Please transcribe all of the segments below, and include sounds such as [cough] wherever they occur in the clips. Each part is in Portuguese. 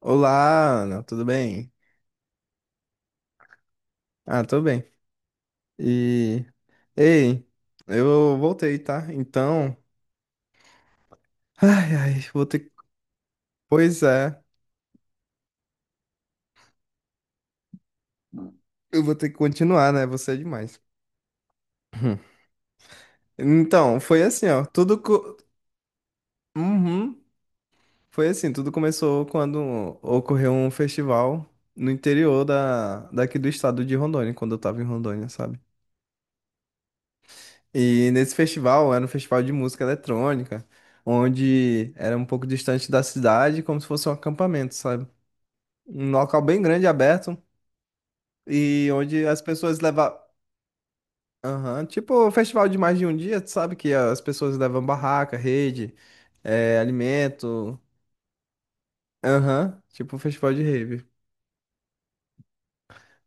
Olá, Ana, tudo bem? Ah, tô bem. E ei, eu voltei, tá? Então, ai, ai, pois é, eu vou ter que continuar, né? Você é demais. [clears throat] Então, foi assim, ó, Uhum. Foi assim, tudo começou quando ocorreu um festival no interior da daqui do estado de Rondônia, quando eu tava em Rondônia, sabe? E nesse festival, era um festival de música eletrônica, onde era um pouco distante da cidade, como se fosse um acampamento, sabe? Um local bem grande, aberto, e onde as pessoas levavam. Aham, tipo um festival de mais de um dia, tu sabe? Que as pessoas levam barraca, rede, alimento. Aham, tipo um festival de rave.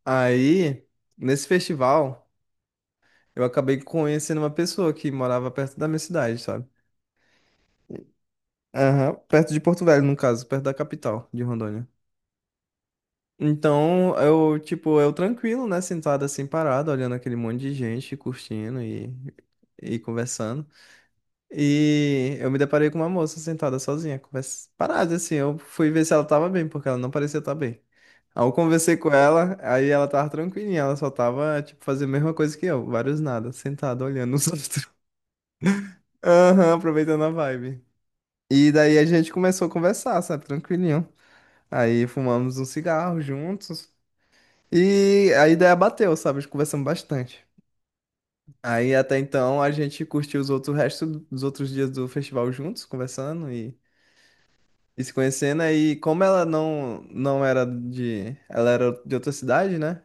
Aí, nesse festival, eu acabei conhecendo uma pessoa que morava perto da minha cidade, sabe? Aham, perto de Porto Velho, no caso, perto da capital de Rondônia. Então, eu, tipo, eu tranquilo, né? Sentado assim, parado, olhando aquele monte de gente, curtindo e conversando. E eu me deparei com uma moça sentada sozinha, parada assim. Eu fui ver se ela tava bem, porque ela não parecia estar bem. Aí eu conversei com ela, aí ela tava tranquilinha, ela só tava, tipo, fazendo a mesma coisa que eu, vários nada, sentada, olhando os [laughs] outros. Aham, aproveitando a vibe. E daí a gente começou a conversar, sabe, tranquilinho. Aí fumamos um cigarro juntos. E a ideia bateu, sabe? Conversamos bastante. Aí até então a gente curtiu os outros restos dos outros dias do festival juntos, conversando e se conhecendo. Aí como ela não era de, ela era de outra cidade, né?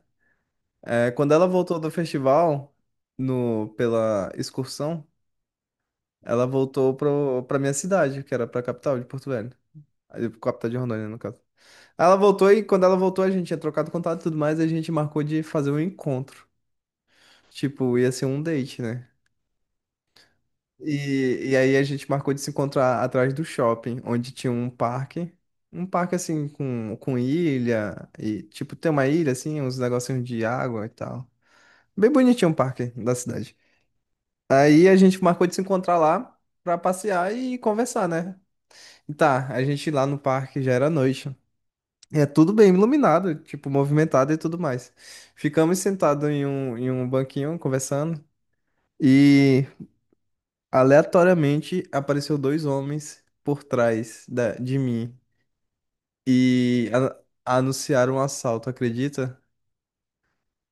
É, quando ela voltou do festival no pela excursão, ela voltou pra minha cidade, que era pra capital de Porto Velho. Aí, capital de Rondônia no caso. Aí, ela voltou e, quando ela voltou, a gente tinha trocado contato e tudo mais, e a gente marcou de fazer um encontro. Tipo, ia ser um date, né? E aí a gente marcou de se encontrar atrás do shopping, onde tinha um parque. Um parque assim com ilha e tipo tem uma ilha assim, uns negocinhos de água e tal. Bem bonitinho o parque da cidade. Aí a gente marcou de se encontrar lá pra passear e conversar, né? E tá, a gente lá no parque já era noite. E é tudo bem iluminado, tipo movimentado e tudo mais. Ficamos sentados em um banquinho conversando, e aleatoriamente apareceu dois homens por trás de mim e anunciaram um assalto, acredita?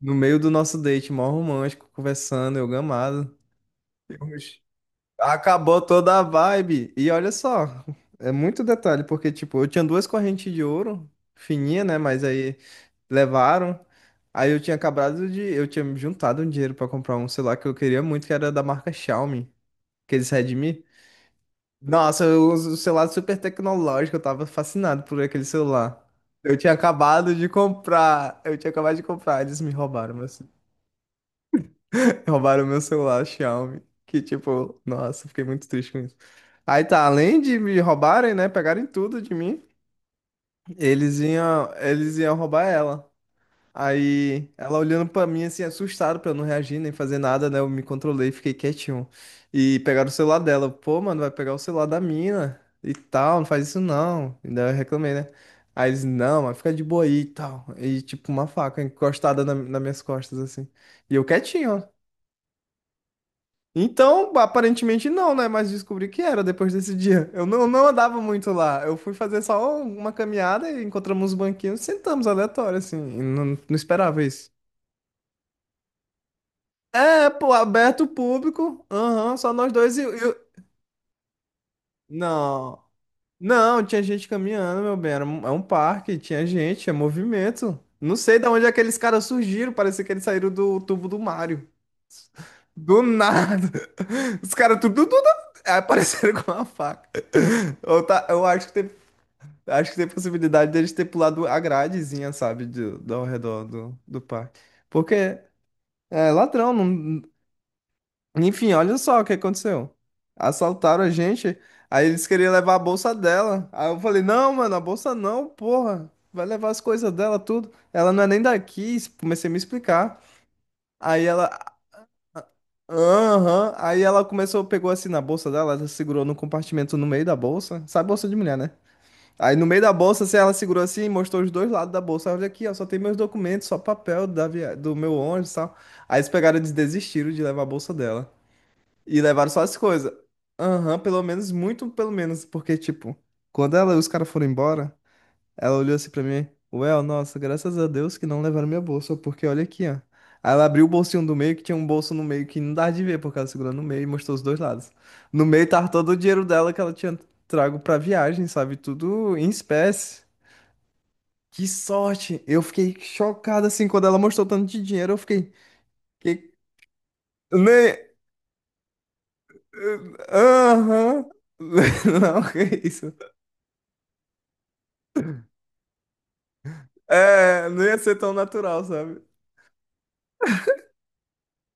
No meio do nosso date, mó romântico, conversando, eu gamado. Oxi. Acabou toda a vibe. E olha só, é muito detalhe, porque, tipo, eu tinha duas correntes de ouro, fininha, né? Mas aí levaram. Aí eu tinha acabado de. Eu tinha juntado um dinheiro pra comprar um celular que eu queria muito, que era da marca Xiaomi, aqueles Redmi. Nossa, eu uso o celular super tecnológico, eu tava fascinado por aquele celular. Eu tinha acabado de comprar, eles me roubaram meu, [laughs] roubaram meu celular Xiaomi, que tipo, nossa, fiquei muito triste com isso. Aí tá, além de me roubarem, né, pegarem tudo de mim, eles iam roubar ela. Aí ela olhando pra mim assim, assustada pra eu não reagir nem fazer nada, né? Eu me controlei, fiquei quietinho. E pegaram o celular dela. Eu, pô, mano, vai pegar o celular da mina e tal, não faz isso não. E daí eu reclamei, né? Aí eles, não, mas fica de boa aí e tal. E tipo, uma faca encostada nas minhas costas, assim. E eu quietinho, ó. Então, aparentemente não, né? Mas descobri que era depois desse [laughs] dia. Eu não andava muito lá. Eu fui fazer só uma caminhada e encontramos uns banquinhos, sentamos aleatório, assim. E não esperava isso. É, pô, aberto o público. Aham, só nós dois. Não. Não, tinha gente caminhando, meu bem. Era um, é um parque, tinha gente, é movimento. Não sei de onde aqueles caras surgiram. Parecia que eles saíram do tubo do Mario. Do nada. [laughs] Os caras tudo, tudo, tudo, aí apareceram [laughs] com uma faca. Eu, tá, eu acho que tem possibilidade deles ter pulado a gradezinha, sabe? Ao redor do parque. Porque é ladrão, não. Enfim, olha só o que aconteceu. Assaltaram a gente, aí eles queriam levar a bolsa dela. Aí eu falei: "Não, mano, a bolsa não, porra. Vai levar as coisas dela tudo. Ela não é nem daqui". Comecei a me explicar. Aí ela, aham, aí ela começou, pegou assim na bolsa dela, ela segurou no compartimento no meio da bolsa. Sabe bolsa de mulher, né? Aí no meio da bolsa, assim, ela segurou assim e mostrou os dois lados da bolsa. Olha aqui, ó, só tem meus documentos, só papel do meu ônibus e tal. Aí eles pegaram e desistiram de levar a bolsa dela. E levaram só as coisas. Aham, pelo menos, muito pelo menos, porque, tipo, quando ela e os caras foram embora, ela olhou assim pra mim, Well, nossa, graças a Deus que não levaram minha bolsa, porque olha aqui, ó. Aí ela abriu o bolsinho do meio, que tinha um bolso no meio que não dava de ver, porque ela segurou no meio e mostrou os dois lados. No meio tava todo o dinheiro dela que ela tinha trago pra viagem, sabe? Tudo em espécie. Que sorte! Eu fiquei chocado, assim, quando ela mostrou tanto de dinheiro, eu fiquei... Que... Nem... Aham... [laughs] Não, que isso. É, não ia ser tão natural, sabe?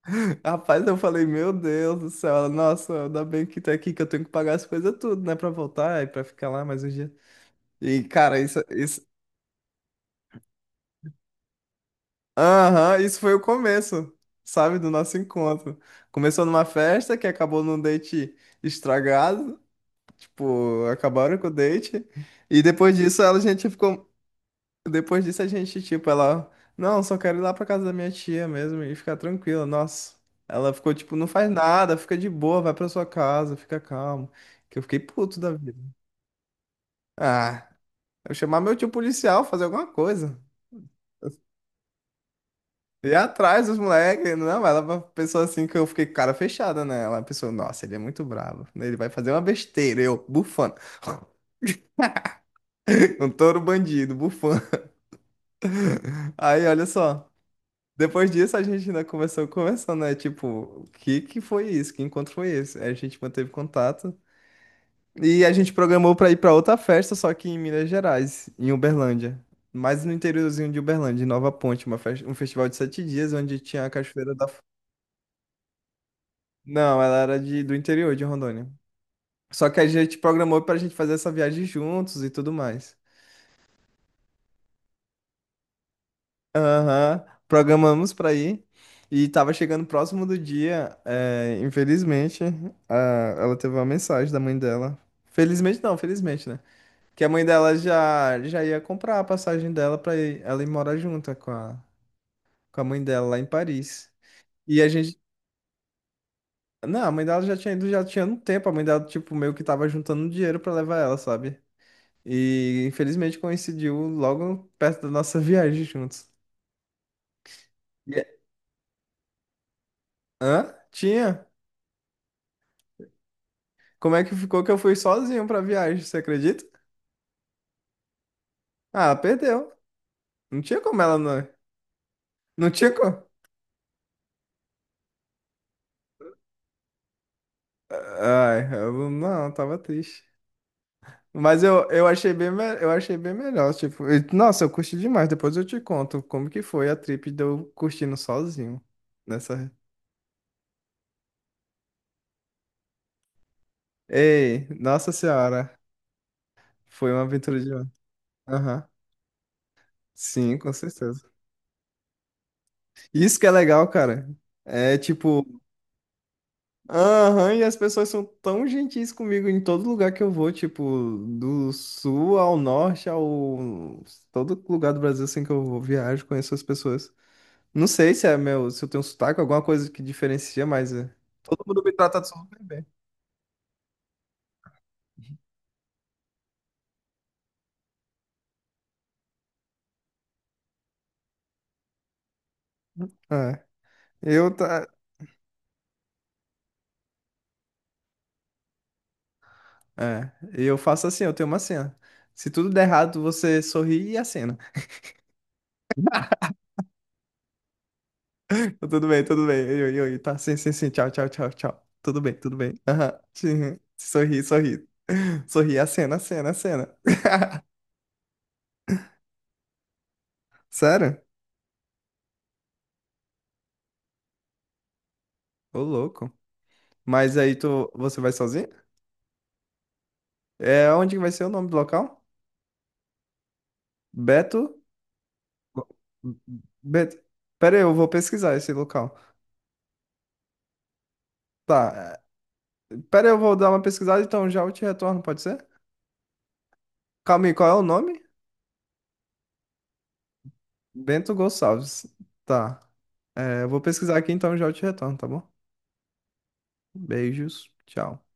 [laughs] Rapaz, eu falei, meu Deus do céu, ela, nossa, ainda bem que tá aqui, que eu tenho que pagar as coisas tudo, né, pra voltar e pra ficar lá mais um dia. E, cara, aham, isso foi o começo, sabe, do nosso encontro. Começou numa festa que acabou num date estragado, tipo, acabaram com o date. E depois disso, ela, a gente ficou. Depois disso a gente, tipo, ela, não, só quero ir lá pra casa da minha tia mesmo e ficar tranquila, nossa. Ela ficou tipo, não faz nada, fica de boa, vai pra sua casa, fica calmo. Que eu fiquei puto da vida. Ah, eu chamar meu tio policial, fazer alguma coisa. E atrás dos moleques, não, ela pensou assim que eu fiquei com cara fechada, né? Ela pensou, nossa, ele é muito bravo, né? Ele vai fazer uma besteira, eu, bufando. [laughs] Um touro bandido, bufando. Aí, olha só. Depois disso, a gente ainda começou conversando, né? Tipo, o que que foi isso? Que encontro foi esse? Aí a gente manteve contato. E a gente programou pra ir pra outra festa, só que em Minas Gerais, em Uberlândia. Mais no interiorzinho de Uberlândia, em Nova Ponte, um festival de 7 dias, onde tinha a Cachoeira da... Não, ela era do interior de Rondônia. Só que a gente programou pra gente fazer essa viagem juntos e tudo mais. Aham, programamos pra ir e tava chegando próximo do dia. É, infelizmente, ela teve uma mensagem da mãe dela. Felizmente não, felizmente, né? Que a mãe dela já ia comprar a passagem dela ela ir morar junto com a mãe dela lá em Paris. E a gente. Não, a mãe dela já tinha ido, já tinha um tempo. A mãe dela, tipo, meio que tava juntando dinheiro pra levar ela, sabe? E infelizmente coincidiu logo perto da nossa [laughs] viagem juntos. E- Hã? Tinha? Como é que ficou que eu fui sozinho pra viagem, você acredita? Ah, perdeu. Não tinha como ela não. Não tinha como. Ai, eu não, eu tava triste. Mas eu achei bem melhor, tipo, nossa, eu curti demais. Depois eu te conto como que foi a trip de eu curtindo sozinho nessa. Ei, nossa senhora, foi uma aventura demais. Aham. Sim, com certeza. Isso que é legal, cara. É tipo, Aham, e as pessoas são tão gentis comigo em todo lugar que eu vou, tipo, do sul ao norte, ao todo lugar do Brasil assim que eu vou, viajo, conheço as pessoas. Não sei se é meu, se eu tenho sotaque, alguma coisa que diferencia, mas é, todo mundo me trata super bem. É, eu tá, é, eu faço assim, eu tenho uma cena. Se tudo der errado, você sorri e acena. Tudo bem, tudo bem. Oi, oi, oi. Tá, sim, sim, sim. Tchau, tchau, tchau. Tchau. Tudo bem, tudo bem. Aham. Sim. Sorri, sorri. [laughs] Sorri, a cena, a cena, a cena. Sério? Ô, louco. Mas aí você vai sozinho? É, onde que vai ser o nome do local? Beto? Beto. Pera aí, eu vou pesquisar esse local. Tá. Pera aí, eu vou dar uma pesquisada, então já eu te retorno, pode ser? Calma aí, qual é o nome? Bento Gonçalves. Tá. É, eu vou pesquisar aqui, então já eu te retorno, tá bom? Beijos. Tchau.